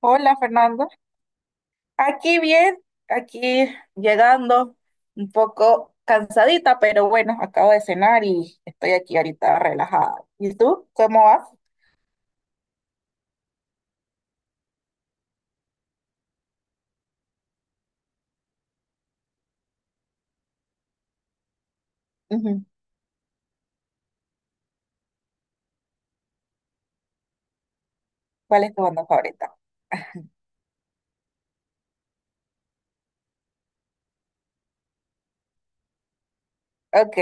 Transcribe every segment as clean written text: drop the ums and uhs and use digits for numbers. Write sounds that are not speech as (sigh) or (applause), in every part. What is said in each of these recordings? Hola Fernando, aquí bien, aquí llegando un poco cansadita, pero bueno, acabo de cenar y estoy aquí ahorita relajada. ¿Y tú? ¿Cómo vas? Ujú. ¿Cuál es tu banda favorita? Ok,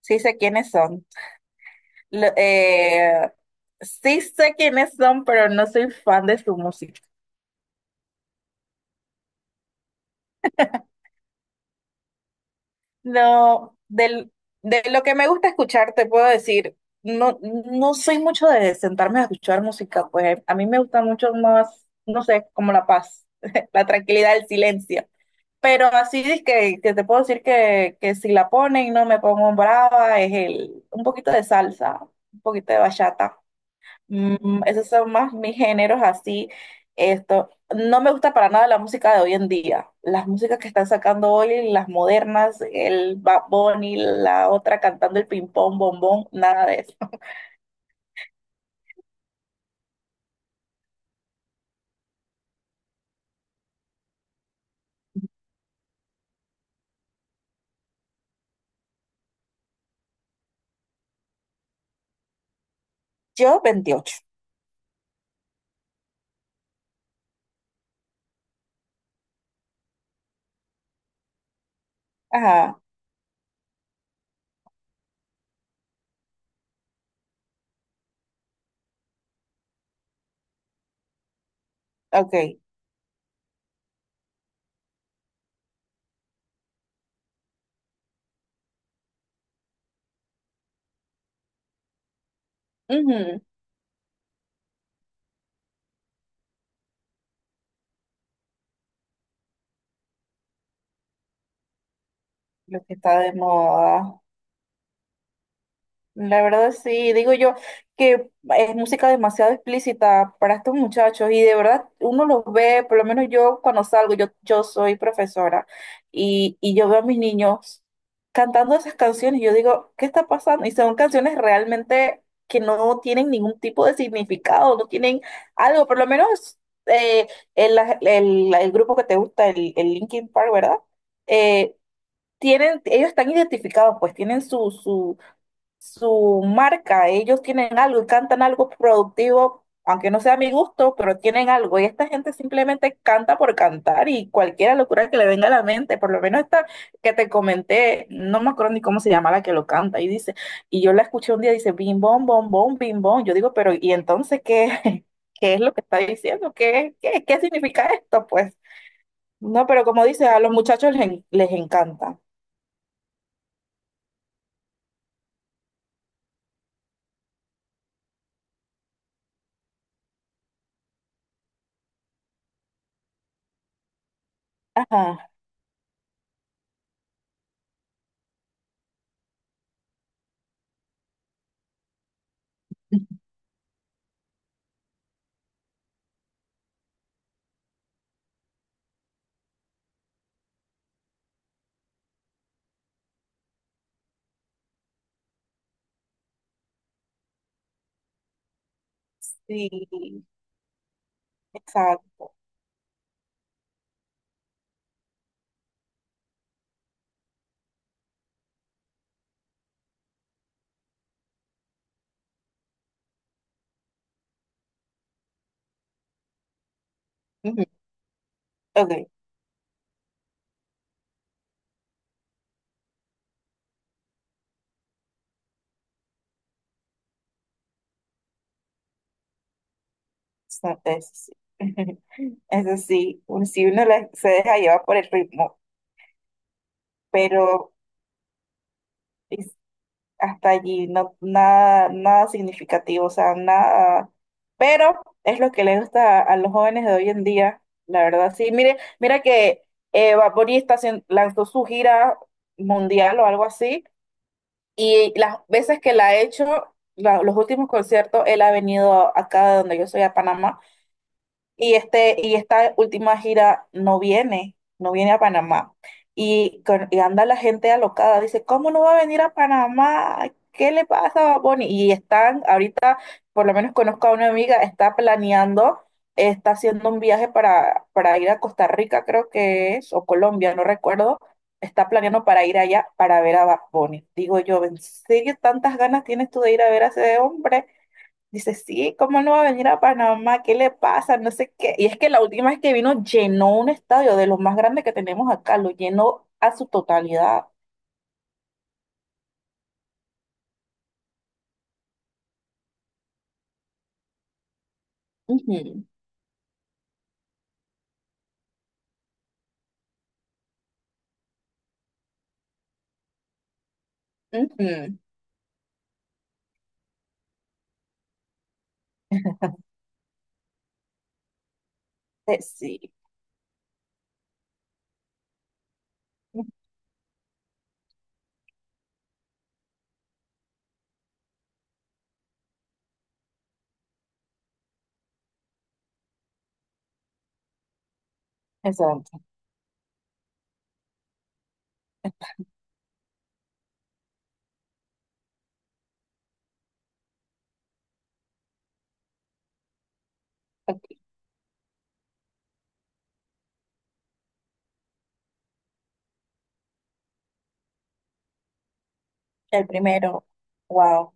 sí sé quiénes son. Lo- eh, sí sé quiénes son, pero no soy fan de su música. No, del, De lo que me gusta escuchar, te puedo decir, no, no soy mucho de sentarme a escuchar música, pues a mí me gusta mucho más, no sé, como la paz, (laughs) la tranquilidad, el silencio. Pero así es que te puedo decir que si la ponen, no me pongo brava, es el, un poquito de salsa, un poquito de bachata. Mm, esos son más mis géneros así. Esto, no me gusta para nada la música de hoy en día. Las músicas que están sacando hoy, las modernas, el Bad Bunny, la otra cantando el ping pong, bombón, nada de eso. (laughs) Yo 28. Ajá, ok. Ujú. Lo que está de moda. La verdad sí, digo yo que es música demasiado explícita para estos muchachos y de verdad uno los ve, por lo menos yo cuando salgo, yo soy profesora y yo veo a mis niños cantando esas canciones y yo digo, ¿qué está pasando? Y son canciones realmente que no tienen ningún tipo de significado, no tienen algo, por lo menos eh, el grupo que te gusta, el Linkin Park, ¿verdad? Eh, Tienen, ellos están identificados, pues tienen su su marca, ellos tienen algo y cantan algo productivo, aunque no sea a mi gusto, pero tienen algo. Y esta gente simplemente canta por cantar y cualquier locura que le venga a la mente, por lo menos esta que te comenté, no me acuerdo ni cómo se llama la que lo canta, y dice, y yo la escuché un día, dice, bim, bom, bom, bom, bim, bom. Yo digo, pero ¿y entonces qué, (laughs) qué es lo que está diciendo? ¿Qué significa esto? Pues no, pero como dice, a los muchachos les encanta. Ajá. (laughs) Sí, exacto. Ok, está- eso sí. (laughs) Eso sí, si se deja llevar por el ritmo, pero es- hasta allí no, nada, nada significativo, o sea, nada. Pero es lo que le gusta a los jóvenes de hoy en día, la verdad. Sí, mire, mira que Bad Bunny está haciendo- lanzó su gira mundial o algo así, y las veces que la ha hecho, la- los últimos conciertos, él ha venido acá de donde yo soy, a Panamá. Y, este, y esta última gira no viene a Panamá. Y, con- y anda la gente alocada, dice, ¿cómo no va a venir a Panamá? ¿Qué le pasa a Bad Bunny?". Y están, ahorita, por lo menos conozco a una amiga, está planeando, está haciendo un viaje para ir a Costa Rica, creo que es, o Colombia, no recuerdo. Está planeando para ir allá para ver a Bad Bunny. Digo yo, ¿en serio tantas ganas tienes tú de ir a ver a ese hombre? Dice, sí, ¿cómo no va a venir a Panamá? ¿Qué le pasa? No sé qué. Y es que la última vez que vino llenó un estadio de los más grandes que tenemos acá, lo llenó a su totalidad. Ujú, ujú. Sí, exacto. Ok. El primero, wow.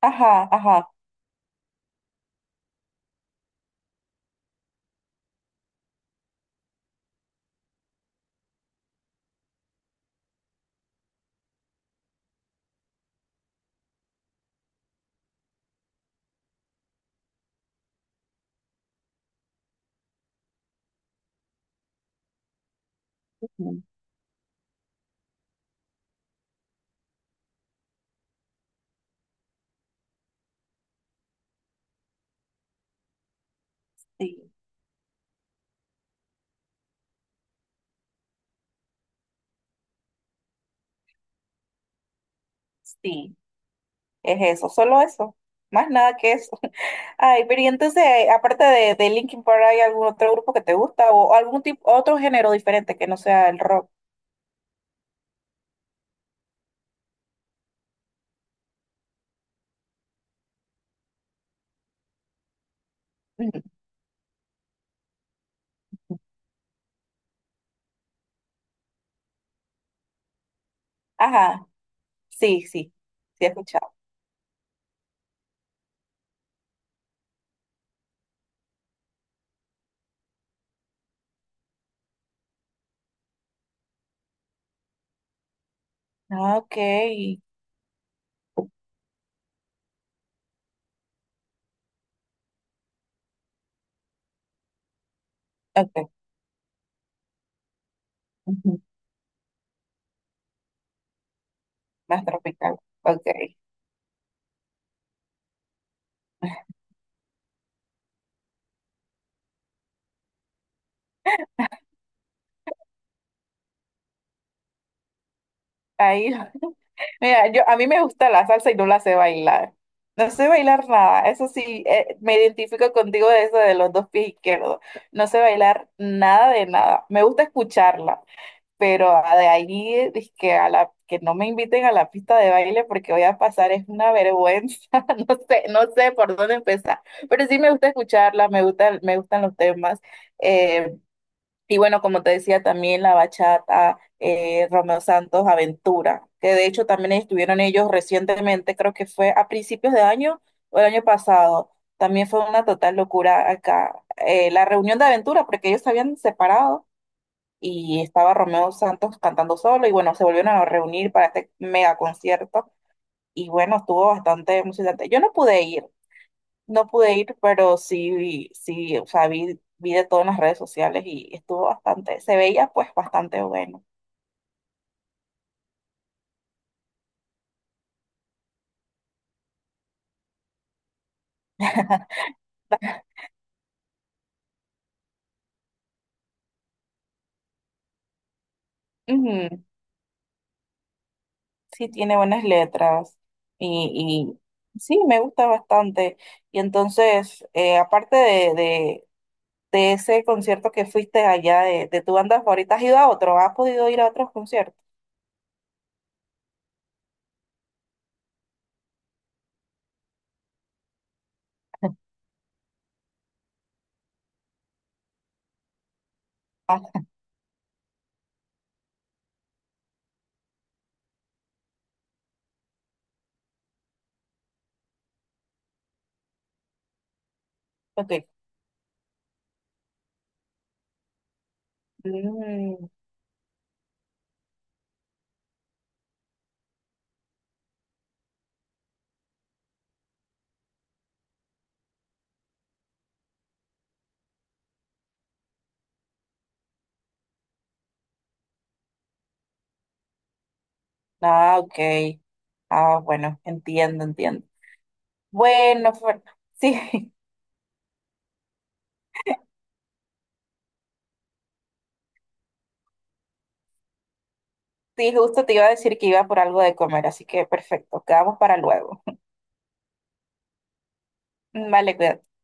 Ajá, ajá. Ujú. Sí, sí, es eso, solo eso. Más nada que eso. (laughs) Ay, pero y entonces, aparte de Linkin Park, ¿hay algún otro grupo que te gusta o algún tipo, otro género diferente que no sea el rock? Ujú. Ajá. Sí, sí, sí he escuchado. Ah, ok, ok, ujú. Más tropical, ok. Ahí, (laughs) mira, yo, a mí me gusta la salsa y no la sé bailar. No sé bailar nada, eso sí, me identifico contigo de eso de los dos pies izquierdos. No sé bailar nada de nada. Me gusta escucharla. Pero de ahí que a la que no me inviten a la pista de baile porque voy a pasar es una vergüenza, (laughs) no sé, no sé por dónde empezar, pero sí me gusta escucharla, me gusta, me gustan los temas. Eh, y bueno, como te decía, también la bachata, Romeo Santos, Aventura, que de hecho también estuvieron ellos recientemente, creo que fue a principios de año o el año pasado. También fue una total locura acá, la reunión de Aventura, porque ellos se habían separado y estaba Romeo Santos cantando solo y bueno, se volvieron a reunir para este mega concierto y bueno, estuvo bastante emocionante. Yo no pude ir, no pude ir, pero sí, sí, o sea, vi, vi de todo en las redes sociales y estuvo bastante, se veía pues bastante bueno. (laughs) Ujú, sí, tiene buenas letras y, y sí, me gusta bastante. Y entonces, aparte de ese concierto que fuiste allá de tu banda favorita, ¿has ido a otro? ¿Has podido ir a otros conciertos? Ok. Mm, ah, ok. Ah, bueno, entiendo, entiendo. Bueno, Fer- sí, (laughs) sí, justo te iba a decir que iba por algo de comer, así que perfecto, quedamos para luego. (laughs) Vale, cuídate.